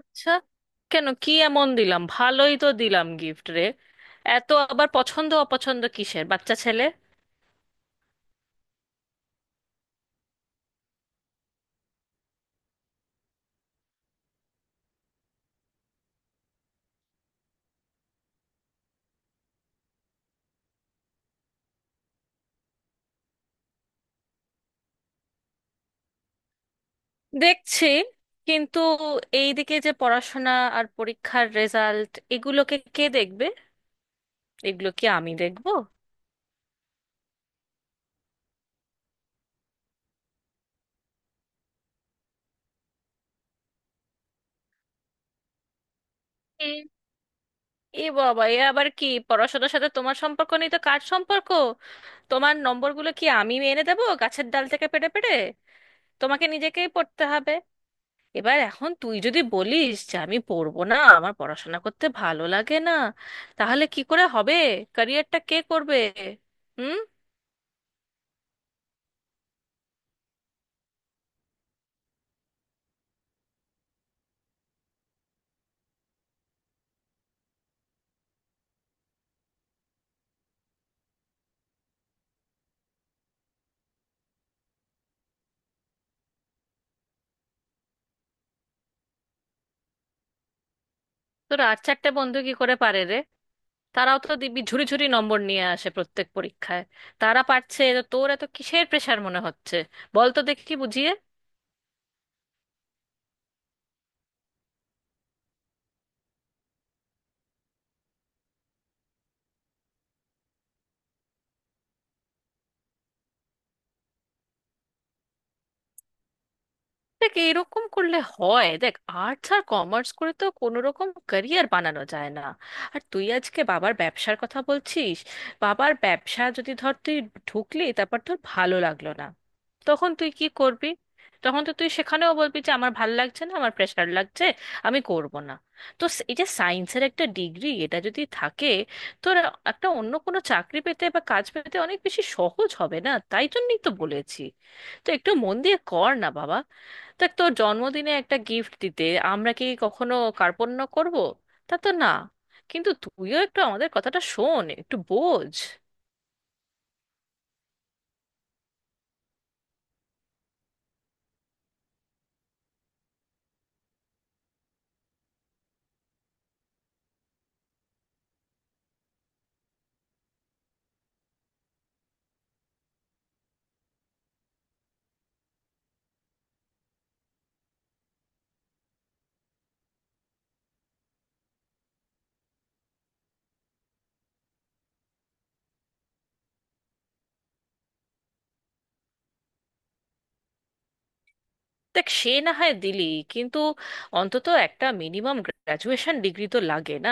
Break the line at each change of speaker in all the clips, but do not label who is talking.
আচ্ছা, কেন? কি এমন দিলাম? ভালোই তো দিলাম গিফট রে। এত আবার পছন্দ অপছন্দ কিসের, বাচ্চা ছেলে। দেখছি, কিন্তু এইদিকে যে পড়াশোনা আর পরীক্ষার রেজাল্ট, এগুলোকে কে দেখবে? এগুলো কি আমি দেখবো? এ এ বাবা এ আবার কি? পড়াশোনার সাথে তোমার সম্পর্ক নেই তো কার সম্পর্ক? তোমার নম্বরগুলো কি আমি এনে দেবো গাছের ডাল থেকে পেড়ে পেড়ে? তোমাকে নিজেকেই পড়তে হবে। এবার এখন তুই যদি বলিস যে আমি পড়বো না, আমার পড়াশোনা করতে ভালো লাগে না, তাহলে কি করে হবে? ক্যারিয়ারটা কে করবে? হুম। তোর আর চারটে বন্ধু কি করে পারে রে? তারাও তো দিব্যি ঝুড়ি ঝুড়ি নম্বর নিয়ে আসে প্রত্যেক পরীক্ষায়। তারা পারছে, তো তোর এত কিসের প্রেশার মনে হচ্ছে? বল তো দেখি বুঝিয়ে। দেখ, এরকম করলে হয়? দেখ, আর্টস আর কমার্স করে তো কোনো রকম ক্যারিয়ার বানানো যায় না। আর তুই আজকে বাবার ব্যবসার কথা বলছিস। বাবার ব্যবসা যদি ধর তুই ঢুকলি, তারপর তোর ভালো লাগলো না, তখন তুই কি করবি? তখন তো তুই সেখানেও বলবি যে আমার ভাল লাগছে না, আমার প্রেশার লাগছে, আমি করব না। তো এই যে সায়েন্সের একটা ডিগ্রি, এটা যদি থাকে তোর, একটা অন্য কোনো চাকরি পেতে বা কাজ পেতে অনেক বেশি সহজ হবে না? তাই জন্যই তো বলেছি, তো একটু মন দিয়ে কর না বাবা। দেখ, তোর জন্মদিনে একটা গিফট দিতে আমরা কি কখনো কার্পণ্য করব? তা তো না। কিন্তু তুইও একটু আমাদের কথাটা শোন, একটু বোঝ। দেখ, সে না হয় দিলি, কিন্তু অন্তত একটা মিনিমাম গ্রাজুয়েশন ডিগ্রি তো লাগে, না?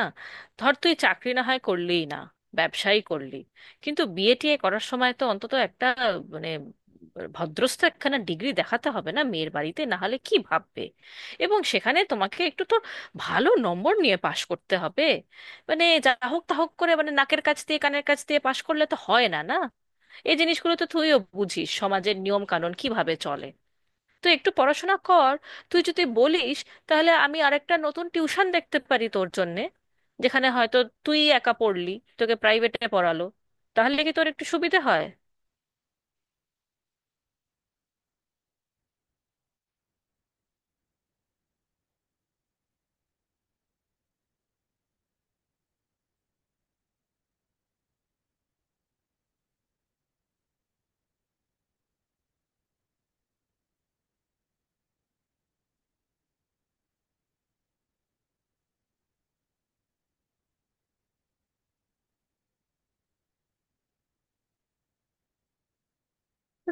ধর তুই চাকরি না হয় করলিই না, ব্যবসায়ী করলি, কিন্তু বিএ টিএ করার সময় তো অন্তত একটা, মানে, ভদ্রস্থ একখানা ডিগ্রি দেখাতে হবে না? মেয়ের বাড়িতে না হলে কি ভাববে? এবং সেখানে তোমাকে একটু তো ভালো নম্বর নিয়ে পাশ করতে হবে। মানে যা হোক তা হোক করে, মানে নাকের কাছ দিয়ে কানের কাছ দিয়ে পাশ করলে তো হয় না, না? এই জিনিসগুলো তো তুইও বুঝিস, সমাজের নিয়ম কানুন কিভাবে চলে। তুই একটু পড়াশোনা কর। তুই যদি বলিস, তাহলে আমি আরেকটা নতুন টিউশন দেখতে পারি তোর জন্যে, যেখানে হয়তো তুই একা পড়লি, তোকে প্রাইভেটে পড়ালো। তাহলে কি তোর একটু সুবিধে হয়?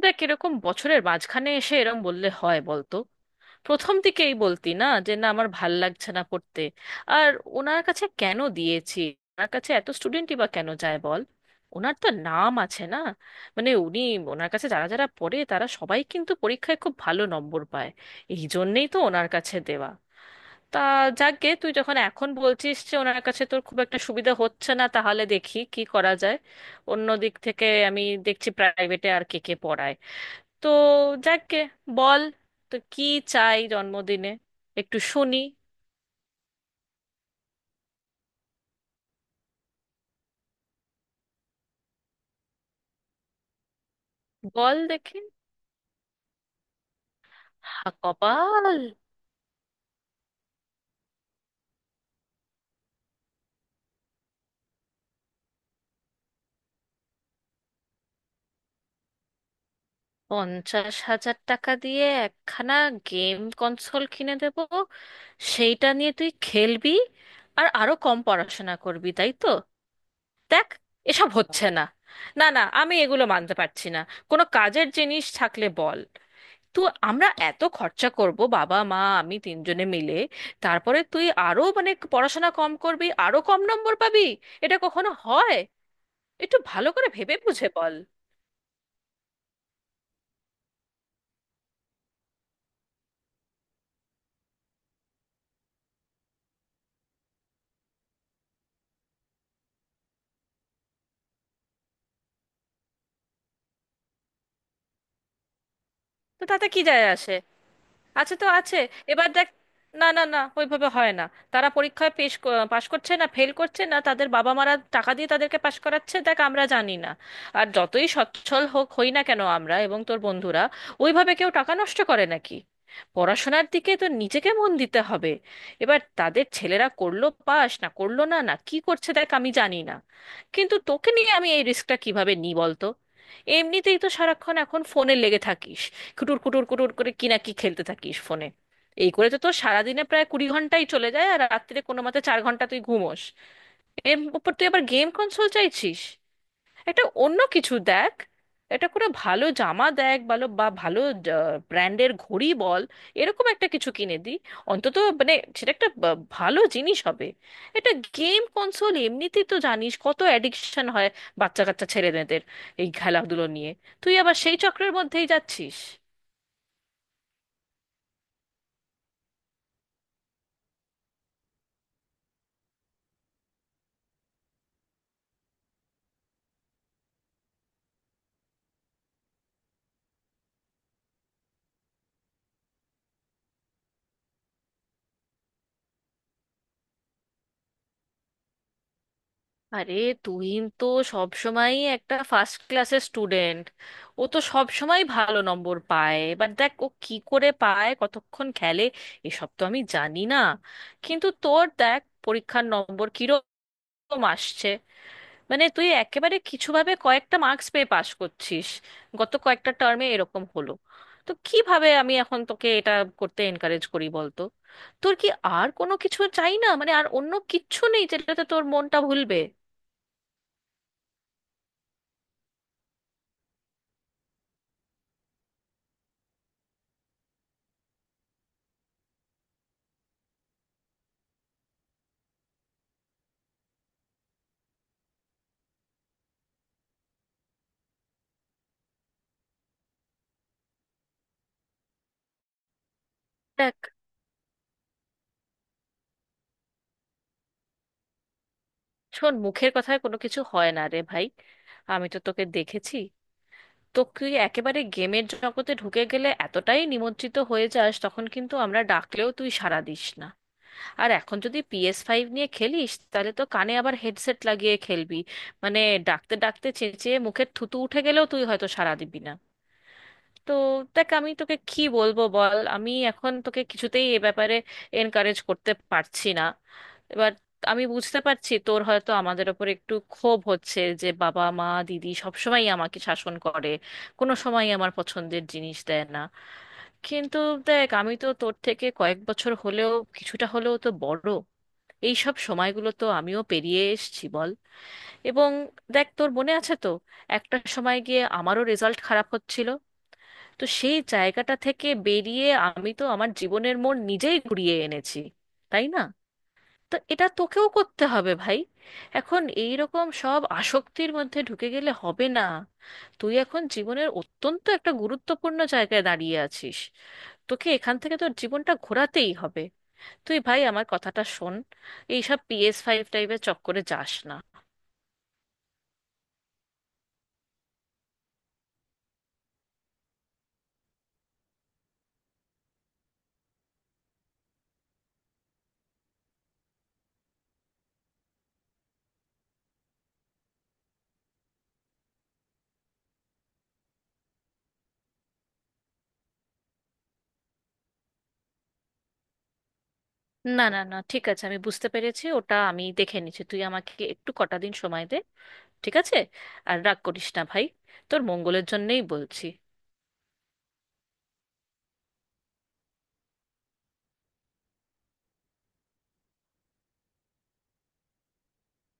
দেখ, এরকম বছরের মাঝখানে এসে এরম বললে হয় বলতো? প্রথম দিকেই বলতি না যে না আমার ভাল লাগছে না পড়তে। আর ওনার কাছে কেন দিয়েছি? ওনার কাছে এত স্টুডেন্টই বা কেন যায় বল? ওনার তো নাম আছে, না? মানে উনি, ওনার কাছে যারা যারা পড়ে তারা সবাই কিন্তু পরীক্ষায় খুব ভালো নম্বর পায়। এই জন্যেই তো ওনার কাছে দেওয়া। তা যাকগে, তুই যখন এখন বলছিস যে ওনার কাছে তোর খুব একটা সুবিধা হচ্ছে না, তাহলে দেখি কি করা যায়। অন্য দিক থেকে আমি দেখছি প্রাইভেটে আর কে কে পড়ায়। তো, যাকে, বল তো কি চাই জন্মদিনে, একটু শুনি। বল দেখি। হা কপাল! 50,000 টাকা দিয়ে একখানা গেম কনসোল কিনে দেব, সেইটা নিয়ে তুই খেলবি আর আরো কম পড়াশোনা করবি, তাই তো? দেখ, এসব হচ্ছে না। না না, আমি এগুলো মানতে পারছি না। কোনো কাজের জিনিস থাকলে বল তো। আমরা এত খরচা করব বাবা মা আমি তিনজনে মিলে, তারপরে তুই আরো, মানে, পড়াশোনা কম করবি, আরো কম নম্বর পাবি, এটা কখনো হয়? একটু ভালো করে ভেবে বুঝে বল। তো তাতে কি যায় আসে? আছে তো আছে। এবার দেখ, না না না, ওইভাবে হয় না। তারা পরীক্ষায় পাশ করছে না ফেল করছে না তাদের বাবা মারা টাকা দিয়ে তাদেরকে পাশ করাচ্ছে, দেখ আমরা জানি না। আর যতই সচ্ছল হোক হই না কেন আমরা এবং তোর বন্ধুরা, ওইভাবে কেউ টাকা নষ্ট করে নাকি? পড়াশোনার দিকে তো নিজেকে মন দিতে হবে। এবার তাদের ছেলেরা করলো পাশ না করলো না, না কি করছে দেখ, আমি জানি না। কিন্তু তোকে নিয়ে আমি এই রিস্কটা কিভাবে নিই বলতো? এমনিতেই তো সারাক্ষণ এখন ফোনে লেগে থাকিস, কুটুর কুটুর কুটুর করে কি না কি খেলতে থাকিস ফোনে। এই করে তো তোর সারাদিনে প্রায় 20 ঘন্টাই চলে যায় আর রাত্রিরে কোনো মতে 4 ঘন্টা তুই ঘুমোস। এর উপর তুই আবার গেম কনসোল চাইছিস। একটা অন্য কিছু দেখ। এটা করে ভালো জামা দেখ, ভালো বা ভালো ব্র্যান্ডের ঘড়ি বল, এরকম একটা কিছু কিনে দি, অন্তত মানে সেটা একটা ভালো জিনিস হবে। এটা গেম কনসোল এমনিতেই তো জানিস কত অ্যাডিকশন হয় বাচ্চা কাচ্চা ছেলেমেয়েদের এই খেলাধুলো নিয়ে। তুই আবার সেই চক্রের মধ্যেই যাচ্ছিস। আরে, তুই তো সব সময়ই একটা ফার্স্ট ক্লাসের স্টুডেন্ট। ও তো সব সময় ভালো নম্বর পায়, এবার দেখ ও কি করে পায়, কতক্ষণ খেলে, এসব তো আমি জানি না। কিন্তু তোর দেখ পরীক্ষার নম্বর কিরকম আসছে, মানে তুই একেবারে কিছুভাবে কয়েকটা মার্কস পেয়ে পাশ করছিস গত কয়েকটা টার্মে, এরকম হলো তো কিভাবে আমি এখন তোকে এটা করতে এনকারেজ করি বলতো? তোর কি আর কোনো কিছু চাই না? মানে আর অন্য কিচ্ছু নেই যেটাতে তোর মনটা ভুলবে? দেখ, শোন, মুখের কথায় কোনো কিছু হয় না রে ভাই। আমি তো তোকে দেখেছি, তো তুই একেবারে গেমের জগতে ঢুকে গেলে এতটাই নিমজ্জিত হয়ে যাস, তখন কিন্তু আমরা ডাকলেও তুই সাড়া দিস না। আর এখন যদি PS5 নিয়ে খেলিস, তাহলে তো কানে আবার হেডসেট লাগিয়ে খেলবি, মানে ডাকতে ডাকতে চেঁচিয়ে মুখের থুতু উঠে গেলেও তুই হয়তো সাড়া দিবি না। তো দেখ, আমি তোকে কি বলবো বল, আমি এখন তোকে কিছুতেই এ ব্যাপারে এনকারেজ করতে পারছি না। এবার আমি বুঝতে পারছি তোর হয়তো আমাদের ওপর একটু ক্ষোভ হচ্ছে যে বাবা মা দিদি সবসময় আমাকে শাসন করে, কোনো সময় আমার পছন্দের জিনিস দেয় না। কিন্তু দেখ, আমি তো তোর থেকে কয়েক বছর হলেও কিছুটা হলেও তো বড়। এই সব সময়গুলো তো আমিও পেরিয়ে এসেছি বল। এবং দেখ, তোর মনে আছে তো, একটা সময় গিয়ে আমারও রেজাল্ট খারাপ হচ্ছিল, তো সেই জায়গাটা থেকে বেরিয়ে আমি তো আমার জীবনের মোড় নিজেই ঘুরিয়ে এনেছি, তাই না? তো এটা তোকেও করতে হবে ভাই। এখন এই রকম সব আসক্তির মধ্যে ঢুকে গেলে হবে না। তুই এখন জীবনের অত্যন্ত একটা গুরুত্বপূর্ণ জায়গায় দাঁড়িয়ে আছিস, তোকে এখান থেকে তোর জীবনটা ঘোরাতেই হবে। তুই ভাই আমার কথাটা শোন, এইসব PS5 টাইপের চক্করে যাস না। না না না, ঠিক আছে, আমি বুঝতে পেরেছি, ওটা আমি দেখে নিচ্ছি, তুই আমাকে একটু কটা দিন সময় দে। ঠিক আছে? আর রাগ করিস না ভাই, তোর মঙ্গলের জন্যেই বলছি।